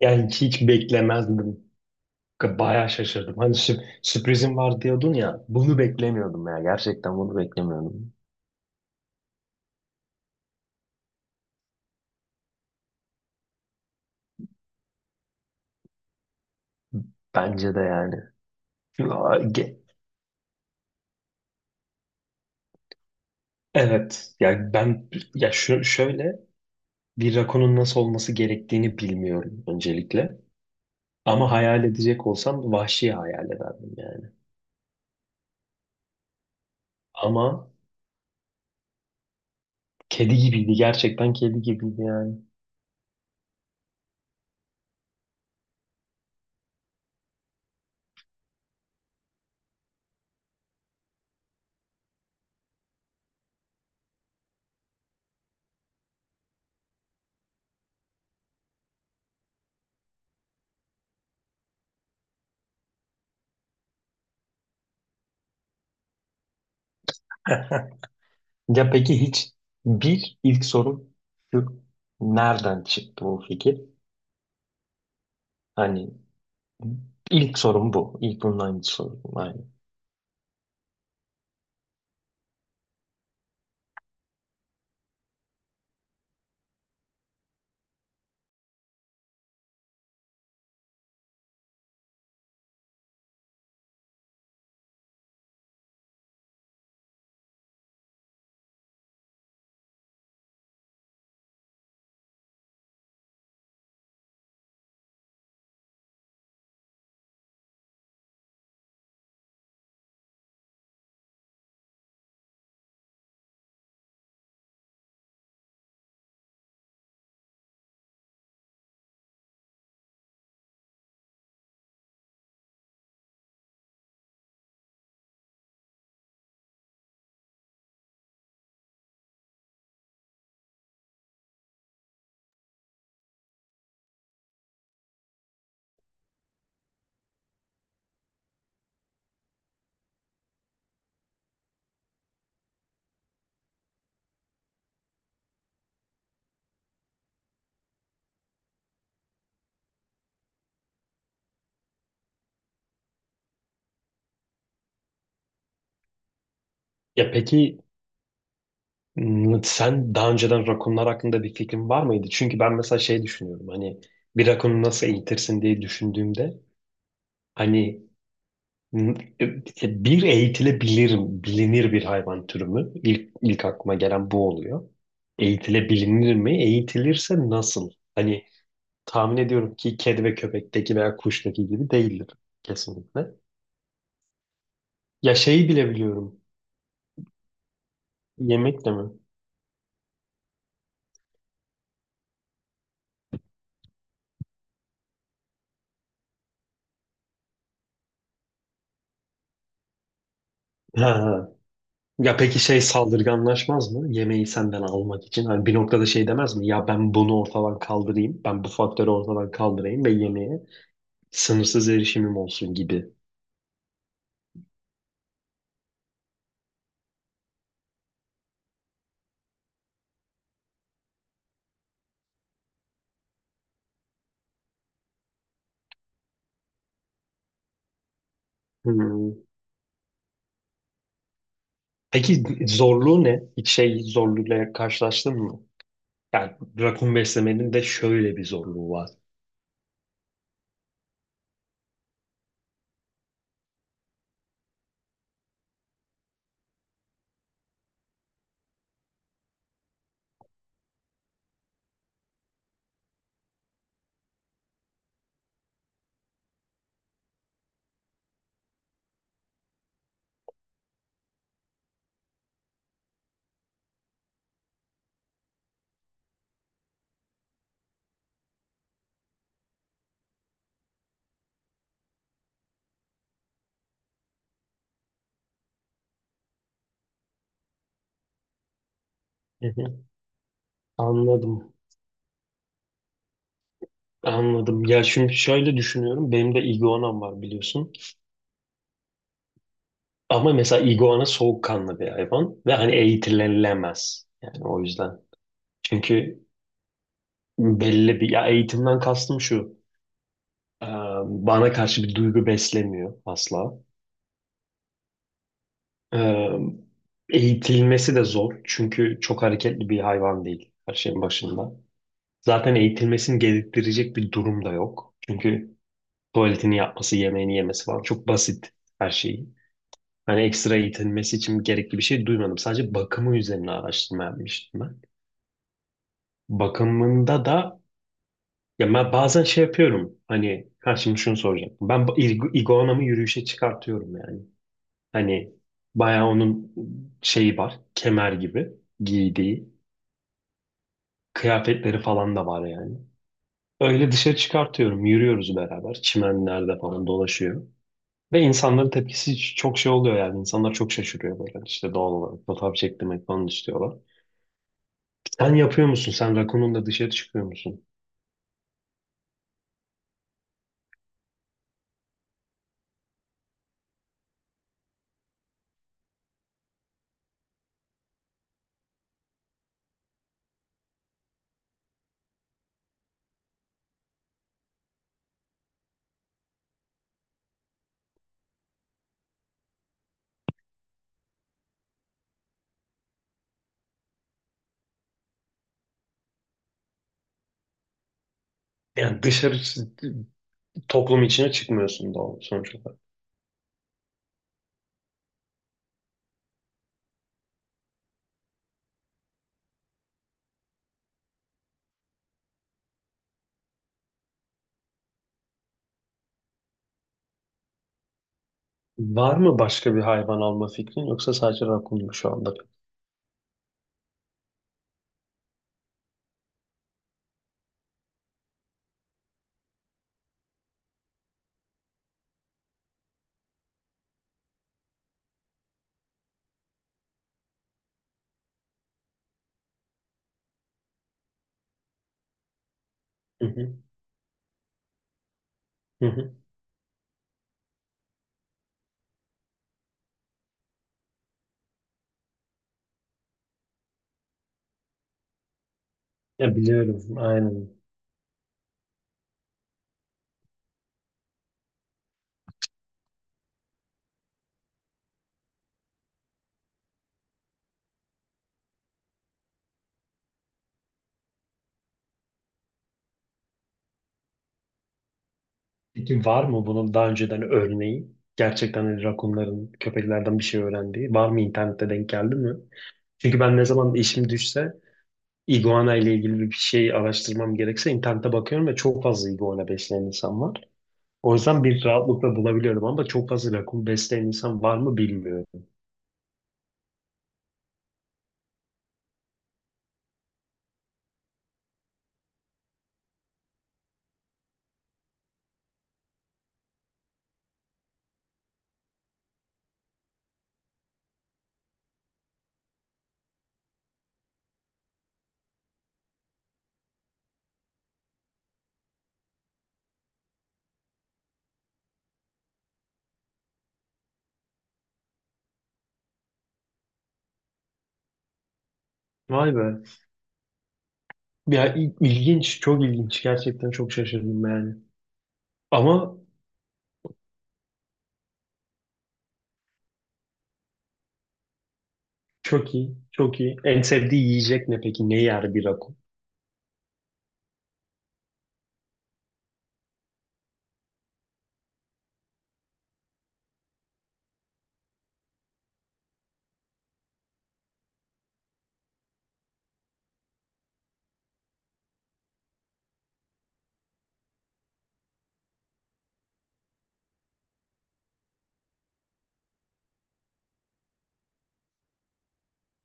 Yani hiç beklemezdim. Bayağı şaşırdım. Hani sürprizim var diyordun ya. Bunu beklemiyordum ya. Gerçekten bunu beklemiyordum. Bence de yani. Aa, ge- Evet. Şöyle bir rakonun nasıl olması gerektiğini bilmiyorum öncelikle. Ama hayal edecek olsam vahşi hayal ederdim yani. Ama kedi gibiydi. Gerçekten kedi gibiydi yani. Ya peki hiç bir ilk soru şu Nereden çıktı bu fikir? Hani İlk sorum bu. İlk bunun aynı Aynen. Ya peki sen daha önceden rakunlar hakkında bir fikrin var mıydı? Çünkü ben mesela şey düşünüyorum hani bir rakunu nasıl eğitirsin diye düşündüğümde hani m, bir eğitilebilir, bilinir bir hayvan türü mü? İlk aklıma gelen bu oluyor. Eğitilebilir mi? Eğitilirse nasıl? Hani tahmin ediyorum ki kedi ve köpekteki veya kuştaki gibi değildir kesinlikle. Ya şeyi bile biliyorum. Yemekle mi? Ya peki şey saldırganlaşmaz mı? Yemeği senden almak için. Hani bir noktada şey demez mi? Ya ben bunu ortadan kaldırayım. Ben bu faktörü ortadan kaldırayım ve yemeğe sınırsız erişimim olsun gibi. Hmm. Peki zorluğu ne? Hiç şey zorluğuyla karşılaştın mı? Yani rakun beslemenin de şöyle bir zorluğu var. Hı hı. Anladım. Anladım. Ya şimdi şöyle düşünüyorum. Benim de iguanam var biliyorsun. Ama mesela iguana soğukkanlı bir hayvan ve hani eğitilemez. Yani o yüzden. Çünkü belli bir ya eğitimden kastım şu. e, Bana karşı bir duygu beslemiyor asla. E, Eğitilmesi de zor. Çünkü çok hareketli bir hayvan değil her şeyin başında. Zaten eğitilmesini gerektirecek bir durum da yok. Çünkü tuvaletini yapması, yemeğini yemesi falan çok basit her şey. Hani ekstra eğitilmesi için gerekli bir şey duymadım. Sadece bakımı üzerine araştırma yapmıştım ben. Bakımında da ya ben bazen şey yapıyorum. Hani ha şimdi şunu soracağım. Ben iguanamı yürüyüşe çıkartıyorum yani. Hani bayağı onun şeyi var. Kemer gibi giydiği kıyafetleri falan da var yani. Öyle dışarı çıkartıyorum. Yürüyoruz beraber. Çimenlerde falan dolaşıyor. Ve insanların tepkisi çok şey oluyor yani. İnsanlar çok şaşırıyor böyle. İşte doğal olarak fotoğraf çektirmek falan istiyorlar. Sen yapıyor musun? Sen rakununla dışarı çıkıyor musun? Yani dışarı toplum içine çıkmıyorsun doğal sonuç olarak. Var mı başka bir hayvan alma fikrin yoksa sadece rakun mu şu anda? Hı hı, hı hı. Ya biliyorum aynen. Peki var mı bunun daha önceden örneği? Gerçekten hani rakunların köpeklerden bir şey öğrendiği. Var mı internette denk geldi mi? Çünkü ben ne zaman işim düşse iguana ile ilgili bir şey araştırmam gerekse internete bakıyorum ve çok fazla iguana besleyen insan var. O yüzden bir rahatlıkla bulabiliyorum ama çok fazla rakun besleyen insan var mı bilmiyorum. Vay be. Ya ilginç, çok ilginç. Gerçekten çok şaşırdım yani. Ama çok iyi, çok iyi. En sevdiği yiyecek ne peki? Ne yer bir rakun?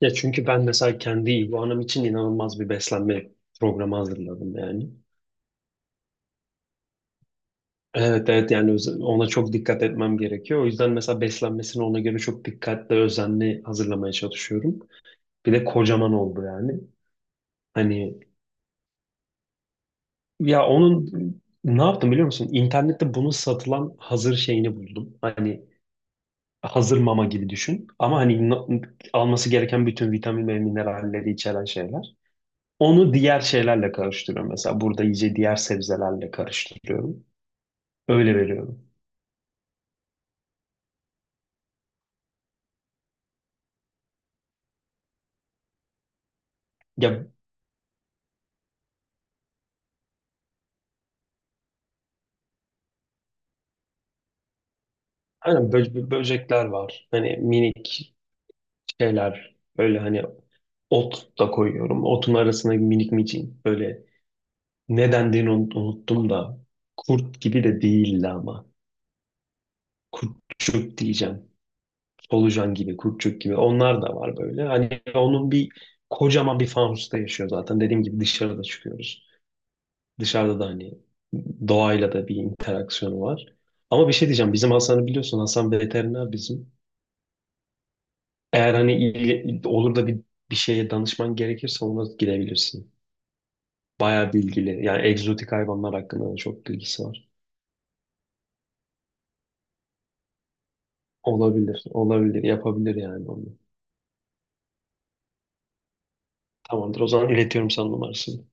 Ya çünkü ben mesela kendi iguanam için inanılmaz bir beslenme programı hazırladım yani. Evet evet yani ona çok dikkat etmem gerekiyor. O yüzden mesela beslenmesini ona göre çok dikkatli, özenli hazırlamaya çalışıyorum. Bir de kocaman oldu yani. Hani Ya onun ne yaptım biliyor musun? İnternette bunun satılan hazır şeyini buldum. Hani hazır mama gibi düşün. Ama hani alması gereken bütün vitamin ve mineralleri içeren şeyler. Onu diğer şeylerle karıştırıyorum. Mesela burada iyice diğer sebzelerle karıştırıyorum. Öyle veriyorum. Ya hani böcekler var. Hani minik şeyler. Böyle hani ot da koyuyorum. Otun arasına minik micin. Böyle ne dendiğini unuttum da. Kurt gibi de değildi ama kurtçuk diyeceğim. Solucan gibi, kurtçuk gibi. Onlar da var böyle. Hani onun bir kocaman bir fanusta yaşıyor zaten. Dediğim gibi dışarıda çıkıyoruz. Dışarıda da hani doğayla da bir interaksiyonu var. Ama bir şey diyeceğim. Bizim Hasan'ı biliyorsun. Hasan veteriner bizim. Eğer hani iyi, olur da bir, bir şeye danışman gerekirse ona gidebilirsin. Bayağı bilgili. Yani egzotik hayvanlar hakkında da çok bilgisi var. Olabilir. Olabilir. Yapabilir yani onu. Tamamdır. O zaman iletiyorum sana numarasını.